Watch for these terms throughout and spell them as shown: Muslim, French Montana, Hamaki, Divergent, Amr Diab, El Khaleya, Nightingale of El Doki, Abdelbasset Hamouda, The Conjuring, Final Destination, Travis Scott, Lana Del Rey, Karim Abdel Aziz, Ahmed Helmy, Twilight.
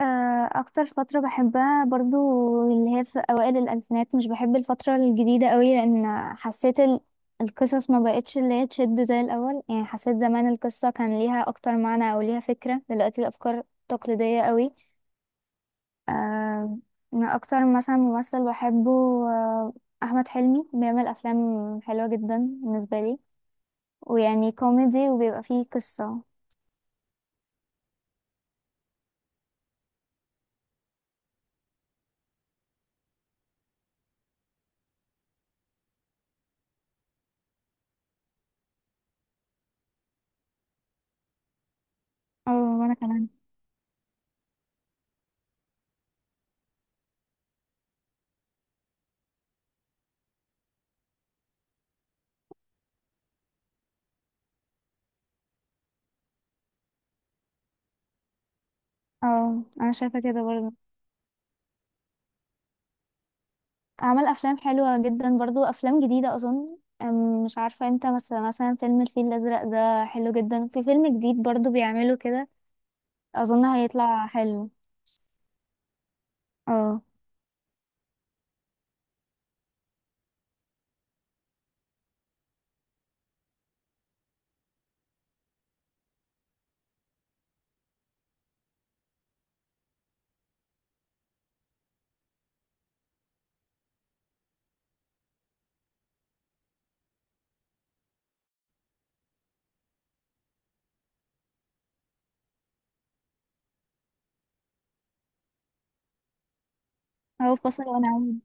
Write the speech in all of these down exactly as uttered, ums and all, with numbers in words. آه، اكتر فترة بحبها برضو اللي هي في اوائل الالفينات. مش بحب الفترة الجديدة قوي، لان حسيت ال- القصص ما بقتش اللي هي تشد زي الاول. يعني حسيت زمان القصة كان ليها اكتر معنى او ليها فكرة، دلوقتي الافكار تقليدية قوي. آه، انا اكتر مثلا ممثل بحبه، آه، احمد حلمي، بيعمل افلام حلوة جدا بالنسبة لي، ويعني كوميدي وبيبقى فيه قصة. اه، وانا كمان. اه، انا شايفة كده برضو. عمل افلام حلوه جدا برضو، افلام جديده اظن. أم، مش عارفه امتى، بس مثلا فيلم الفيل الازرق ده حلو جدا، في فيلم جديد برضو بيعمله كده اظن هيطلع حلو. اه. هو فاصل ونعود.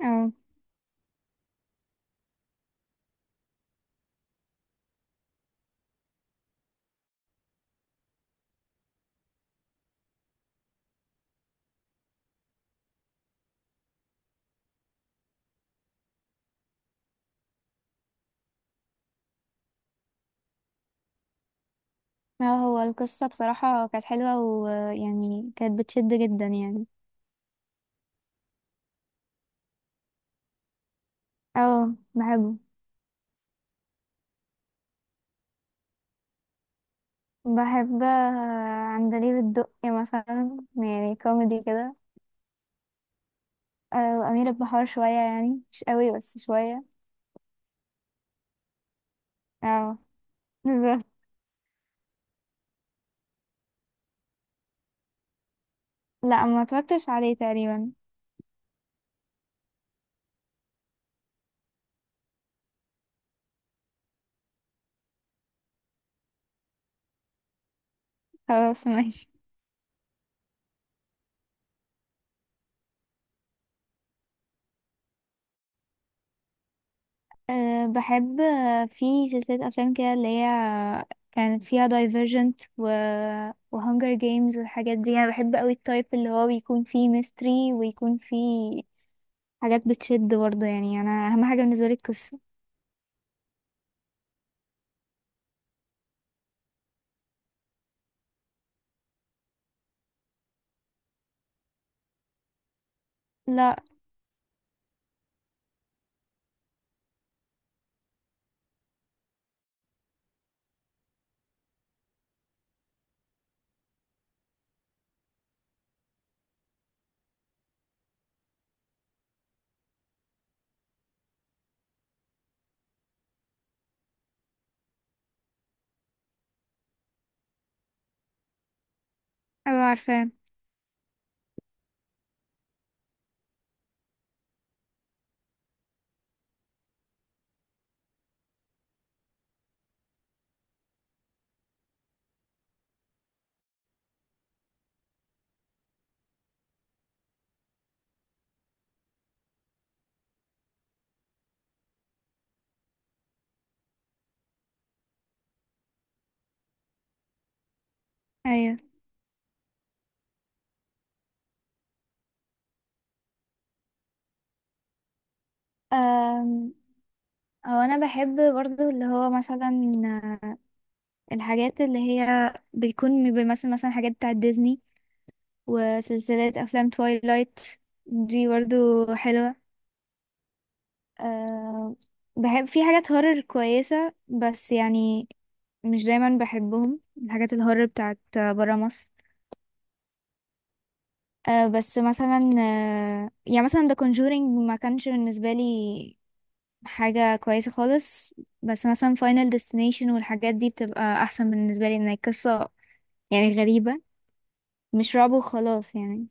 اه. اه، هو القصه بصراحه كانت حلوه، ويعني كانت بتشد جدا يعني. اه، بحبه. بحب آه، عندليب الدقي مثلا، يعني كوميدي كده. آه، وأمير البحار شوية، يعني مش قوي بس شوية. اه، بالظبط. لا، ما اتفرجتش عليه تقريبا. خلاص ماشي. أه، بحب آه، في سلسلة أفلام كده اللي هي كانت فيها دايفرجنت و وهانجر جيمز والحاجات دي. أنا بحب قوي التايب اللي هو بيكون فيه ميستري، ويكون فيه حاجات بتشد برضه. يعني أنا أهم حاجة بالنسبة لي القصة. لا. أبقى عارفاه. أيوه. أم، هو أنا بحب برضه اللي هو مثلا آه، الحاجات اللي هي بيكون بيمثل مثلا حاجات بتاعت ديزني، وسلسلة أفلام تويلايت دي برضو حلوة. أه، بحب في حاجات هورر كويسة، بس يعني مش دايما بحبهم الحاجات الهورر بتاعت برا مصر. أه، بس مثلا أه، يعني مثلا The Conjuring ما كانش بالنسبة لي حاجة كويسة خالص. بس مثلا Final Destination والحاجات دي بتبقى أحسن بالنسبة لي، إن هي قصة يعني غريبة، مش رعب وخلاص يعني.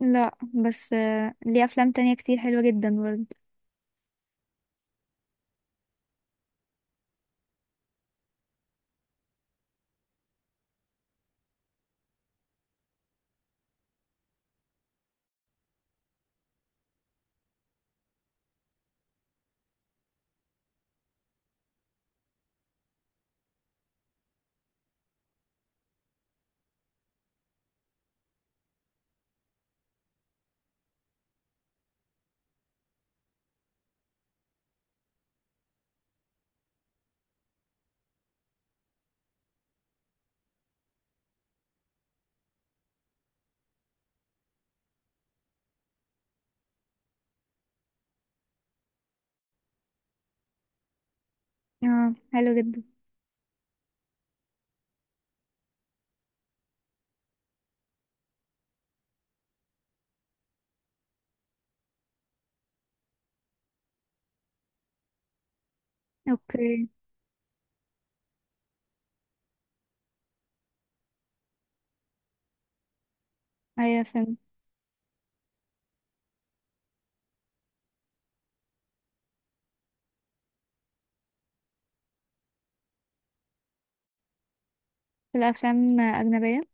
لا، بس أه ليه أفلام تانية كتير حلوة جدا برضه. اه، حلو جدا. اوكي. ايوه، فهمت. الافلام اجنبيه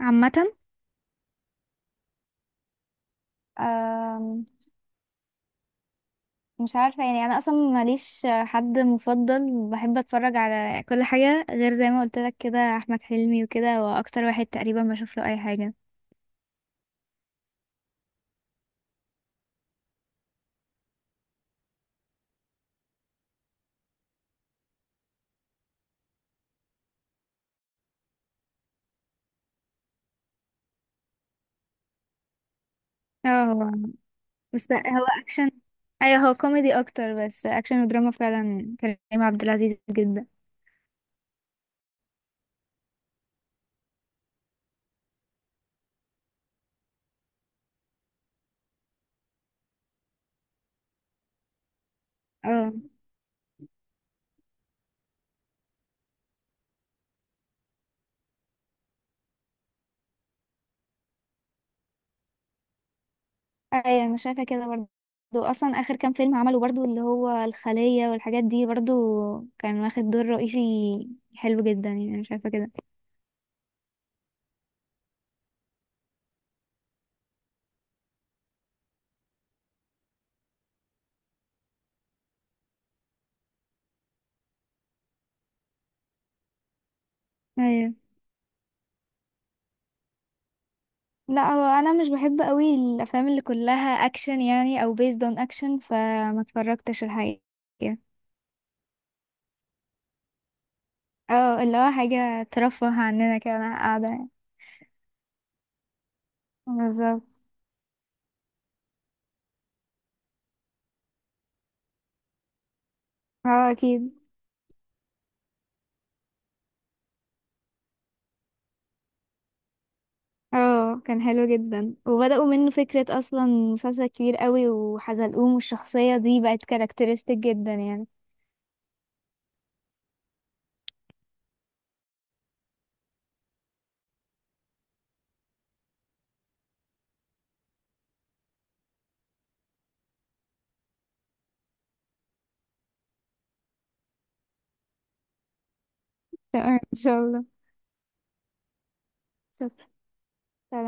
عامة. أم، مش عارفة يعني، أنا أصلا ماليش حد مفضل، بحب أتفرج على كل حاجة. غير زي ما قلت لك كده أحمد حلمي، وكده هو أكتر واحد تقريبا بشوف له أي حاجة. اه، هو. بس هو أكشن. أيوه، هو كوميدي أكتر بس أكشن ودراما فعلا كريم عبد العزيز جدا. اه. أيوه أنا شايفة كده برضه. أصلا آخر كام فيلم عمله برضه اللي هو الخلية والحاجات دي برضه كان واخد دور رئيسي حلو جدا، يعني أنا شايفة كده. أيوه. لا، هو انا مش بحب قوي الافلام اللي كلها اكشن يعني او based on action، فما اتفرجتش الحقيقه. اه، اللي هو حاجه ترفه عننا كده وانا قاعده يعني. بالظبط. اه، اكيد. اه، كان حلو جدا وبداوا منه فكره اصلا مسلسل كبير قوي، وحزلقوم والشخصيه دي بقت كاركترستيك جدا يعني. تمام، ان شاء الله. شكرا.